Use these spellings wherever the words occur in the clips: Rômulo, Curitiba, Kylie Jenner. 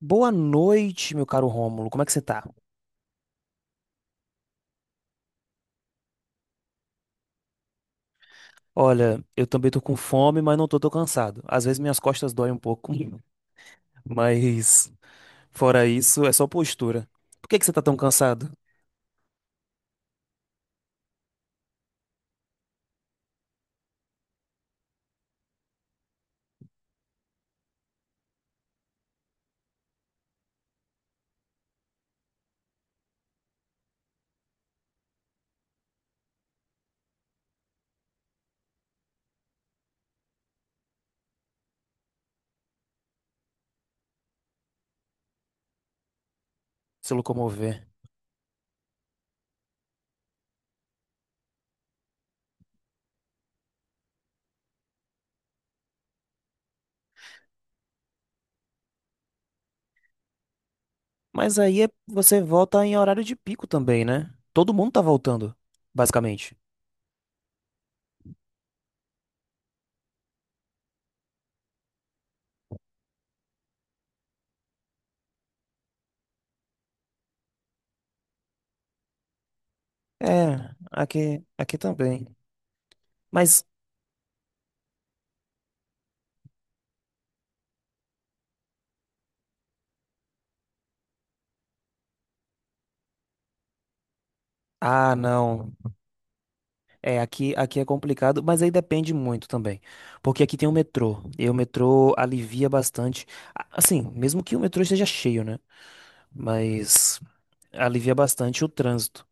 Boa noite, meu caro Rômulo. Como é que você tá? Olha, eu também tô com fome, mas não tô tão cansado. Às vezes minhas costas doem um pouco, mas fora isso, é só postura. Por que que você tá tão cansado? Se locomover. Mas você volta em horário de pico também, né? Todo mundo tá voltando, basicamente. É, aqui também. Mas, ah, não. É, aqui é complicado, mas aí depende muito também. Porque aqui tem o metrô, e o metrô alivia bastante. Assim, mesmo que o metrô esteja cheio, né? Mas alivia bastante o trânsito.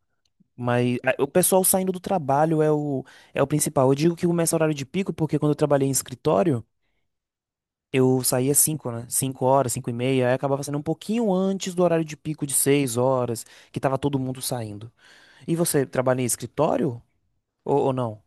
Mas o pessoal saindo do trabalho é o principal. Eu digo que começa o horário de pico, porque quando eu trabalhei em escritório, eu saía 5, né? 5 horas, 5 e meia, aí acabava saindo um pouquinho antes do horário de pico de seis horas, que tava todo mundo saindo. E você trabalha em escritório ou não?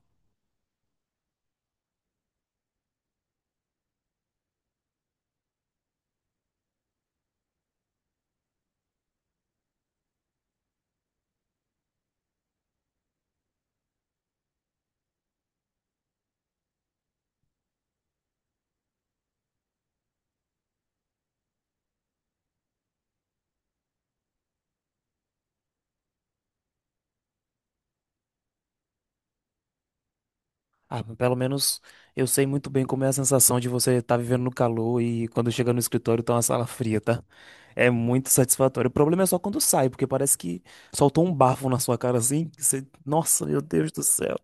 Ah, pelo menos eu sei muito bem como é a sensação de você estar vivendo no calor e quando chega no escritório tá uma sala fria, tá? É muito satisfatório. O problema é só quando sai, porque parece que soltou um bafo na sua cara assim. Nossa, meu Deus do céu.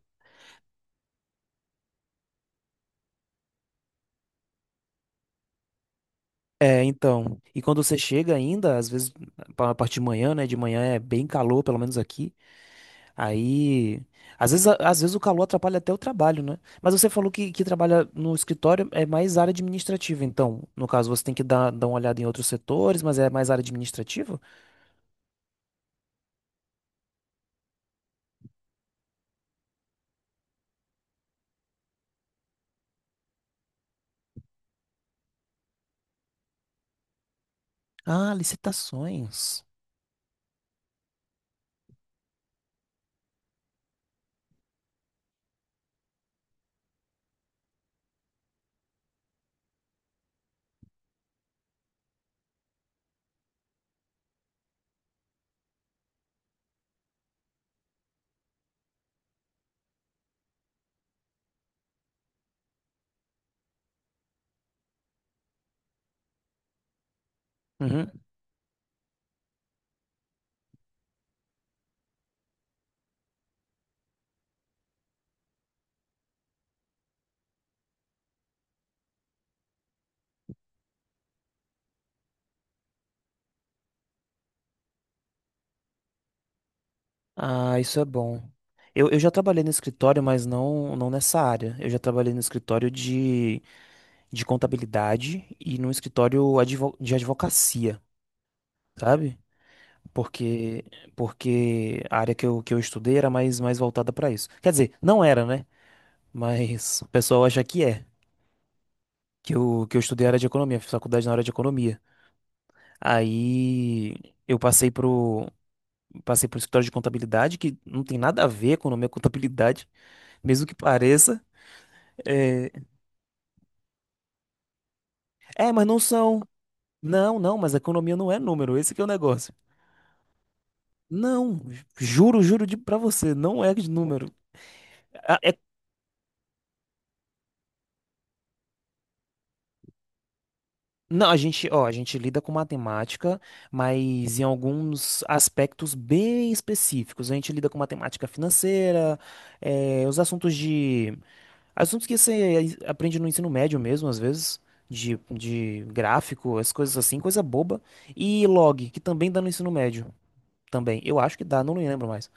É, então. E quando você chega ainda, às vezes, a parte de manhã, né? De manhã é bem calor, pelo menos aqui. Aí, às vezes, às vezes o calor atrapalha até o trabalho, né? Mas você falou que trabalha no escritório, é mais área administrativa, então. No caso, você tem que dar uma olhada em outros setores, mas é mais área administrativa? Ah, licitações. Uhum. Ah, isso é bom. Eu já trabalhei no escritório, mas não nessa área. Eu já trabalhei no escritório de contabilidade e num escritório de advocacia, sabe? porque Porque a área que eu estudei era mais voltada para isso. Quer dizer, não era, né? Mas o pessoal acha que é. Que eu estudei a área de economia, fiz faculdade na área de economia. Aí eu passei pro escritório de contabilidade, que não tem nada a ver economia e contabilidade, mesmo que pareça. É, mas não são. Não, não, mas a economia não é número, esse que é o negócio. Não, juro de, pra você, não é de número. Não, ó, a gente lida com matemática, mas em alguns aspectos bem específicos. A gente lida com matemática financeira, os assuntos de, assuntos que você aprende no ensino médio mesmo, às vezes, de gráfico, as coisas assim, coisa boba. E log, que também dá no ensino médio, também. Eu acho que dá, não me lembro mais.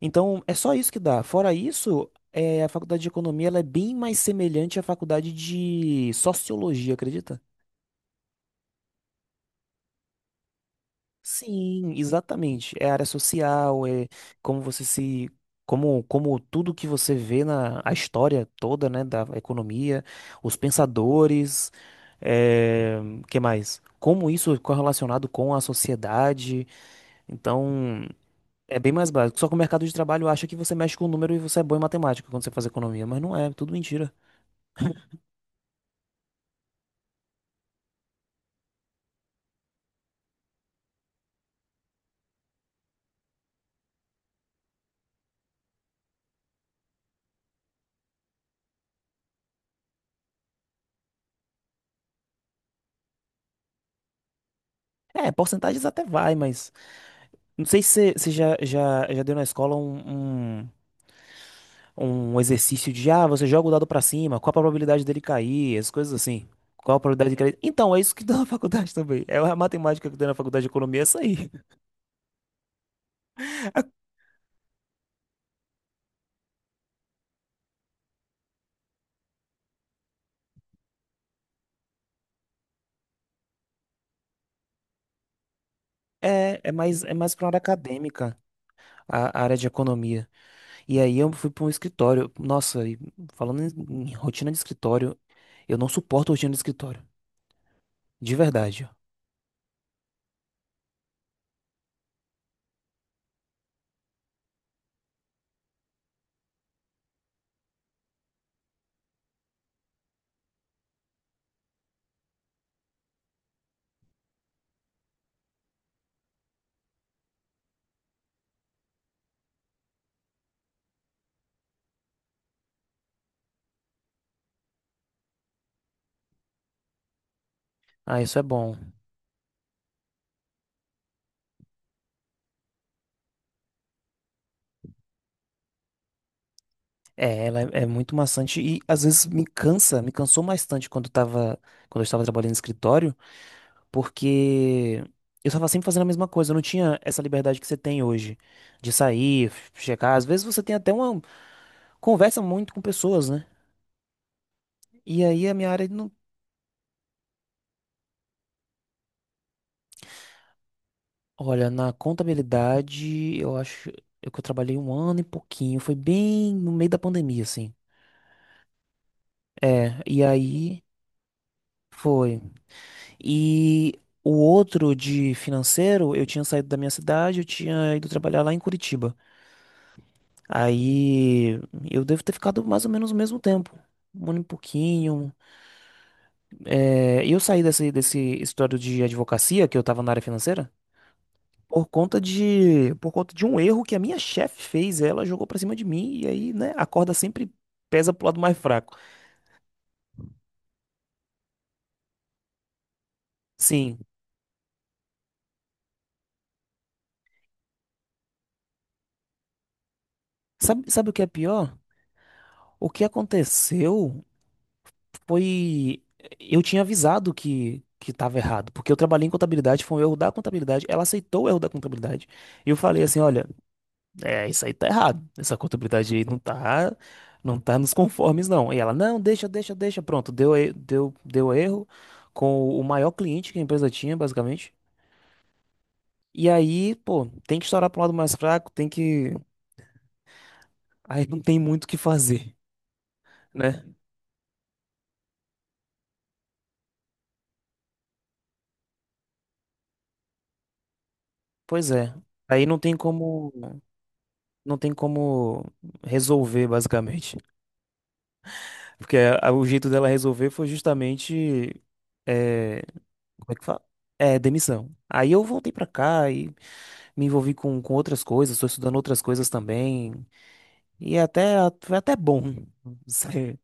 Então, é só isso que dá. Fora isso, a faculdade de economia, ela é bem mais semelhante à faculdade de sociologia, acredita? Sim, exatamente. É área social, é como você se. Como tudo que você vê na a história toda, né, da economia, os pensadores, é, que mais? Como isso é correlacionado com a sociedade. Então, é bem mais básico. Só que o mercado de trabalho acha que você mexe com o número e você é bom em matemática quando você faz economia, mas não é, tudo mentira. É, porcentagens até vai, mas não sei se você já deu na escola um um exercício de, ah, você joga o dado pra cima, qual a probabilidade dele cair, essas coisas assim. Qual a probabilidade de cair? Então, é isso que dá na faculdade também. É a matemática que dá na faculdade de economia, é essa aí. É, é mais pra área acadêmica, a área de economia. E aí eu fui pra um escritório. Nossa, e falando em rotina de escritório, eu não suporto rotina de escritório. De verdade. Ah, isso é bom. É, é muito maçante e às vezes me cansou bastante quando tava, quando eu estava trabalhando no escritório. Porque eu tava sempre fazendo a mesma coisa, eu não tinha essa liberdade que você tem hoje de sair, checar. Às vezes você tem até uma conversa muito com pessoas, né? E aí a minha área não. Olha, na contabilidade, eu acho eu que eu trabalhei um ano e pouquinho. Foi bem no meio da pandemia, assim. É, e aí foi. E o outro de financeiro, eu tinha saído da minha cidade, eu tinha ido trabalhar lá em Curitiba. Aí eu devo ter ficado mais ou menos o mesmo tempo, um ano e pouquinho. É, eu saí desse história de advocacia, que eu tava na área financeira, por conta de um erro que a minha chefe fez. Ela jogou pra cima de mim e aí, né, a corda sempre pesa pro lado mais fraco. Sim. Sabe o que é pior? O que aconteceu foi. Eu tinha avisado que estava errado, porque eu trabalhei em contabilidade, foi um erro da contabilidade. Ela aceitou o erro da contabilidade. E eu falei assim: olha. É, isso aí tá errado. Essa contabilidade aí não tá nos conformes, não. E ela, não, deixa. Pronto, deu erro com o maior cliente que a empresa tinha, basicamente. E aí, pô, tem que estourar pro lado mais fraco, tem que. Aí não tem muito o que fazer, né? Pois é. Aí não tem como resolver, basicamente. Porque o jeito dela resolver foi justamente. É, como é que fala? É, demissão. Aí eu voltei pra cá e me envolvi com outras coisas, estou estudando outras coisas também. E é até foi até bom. Sim.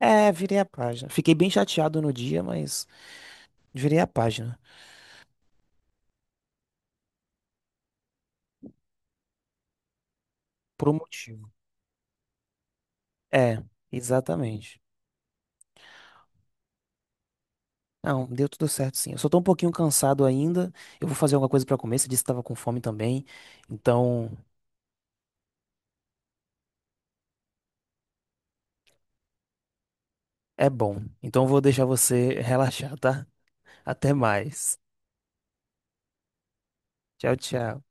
É, virei a página. Fiquei bem chateado no dia, mas virei a página. Por um motivo. É, exatamente. Não, deu tudo certo sim. Eu só tô um pouquinho cansado ainda. Eu vou fazer alguma coisa pra comer. Você disse que tava com fome também. Então, é bom. Então eu vou deixar você relaxar, tá? Até mais. Tchau, tchau.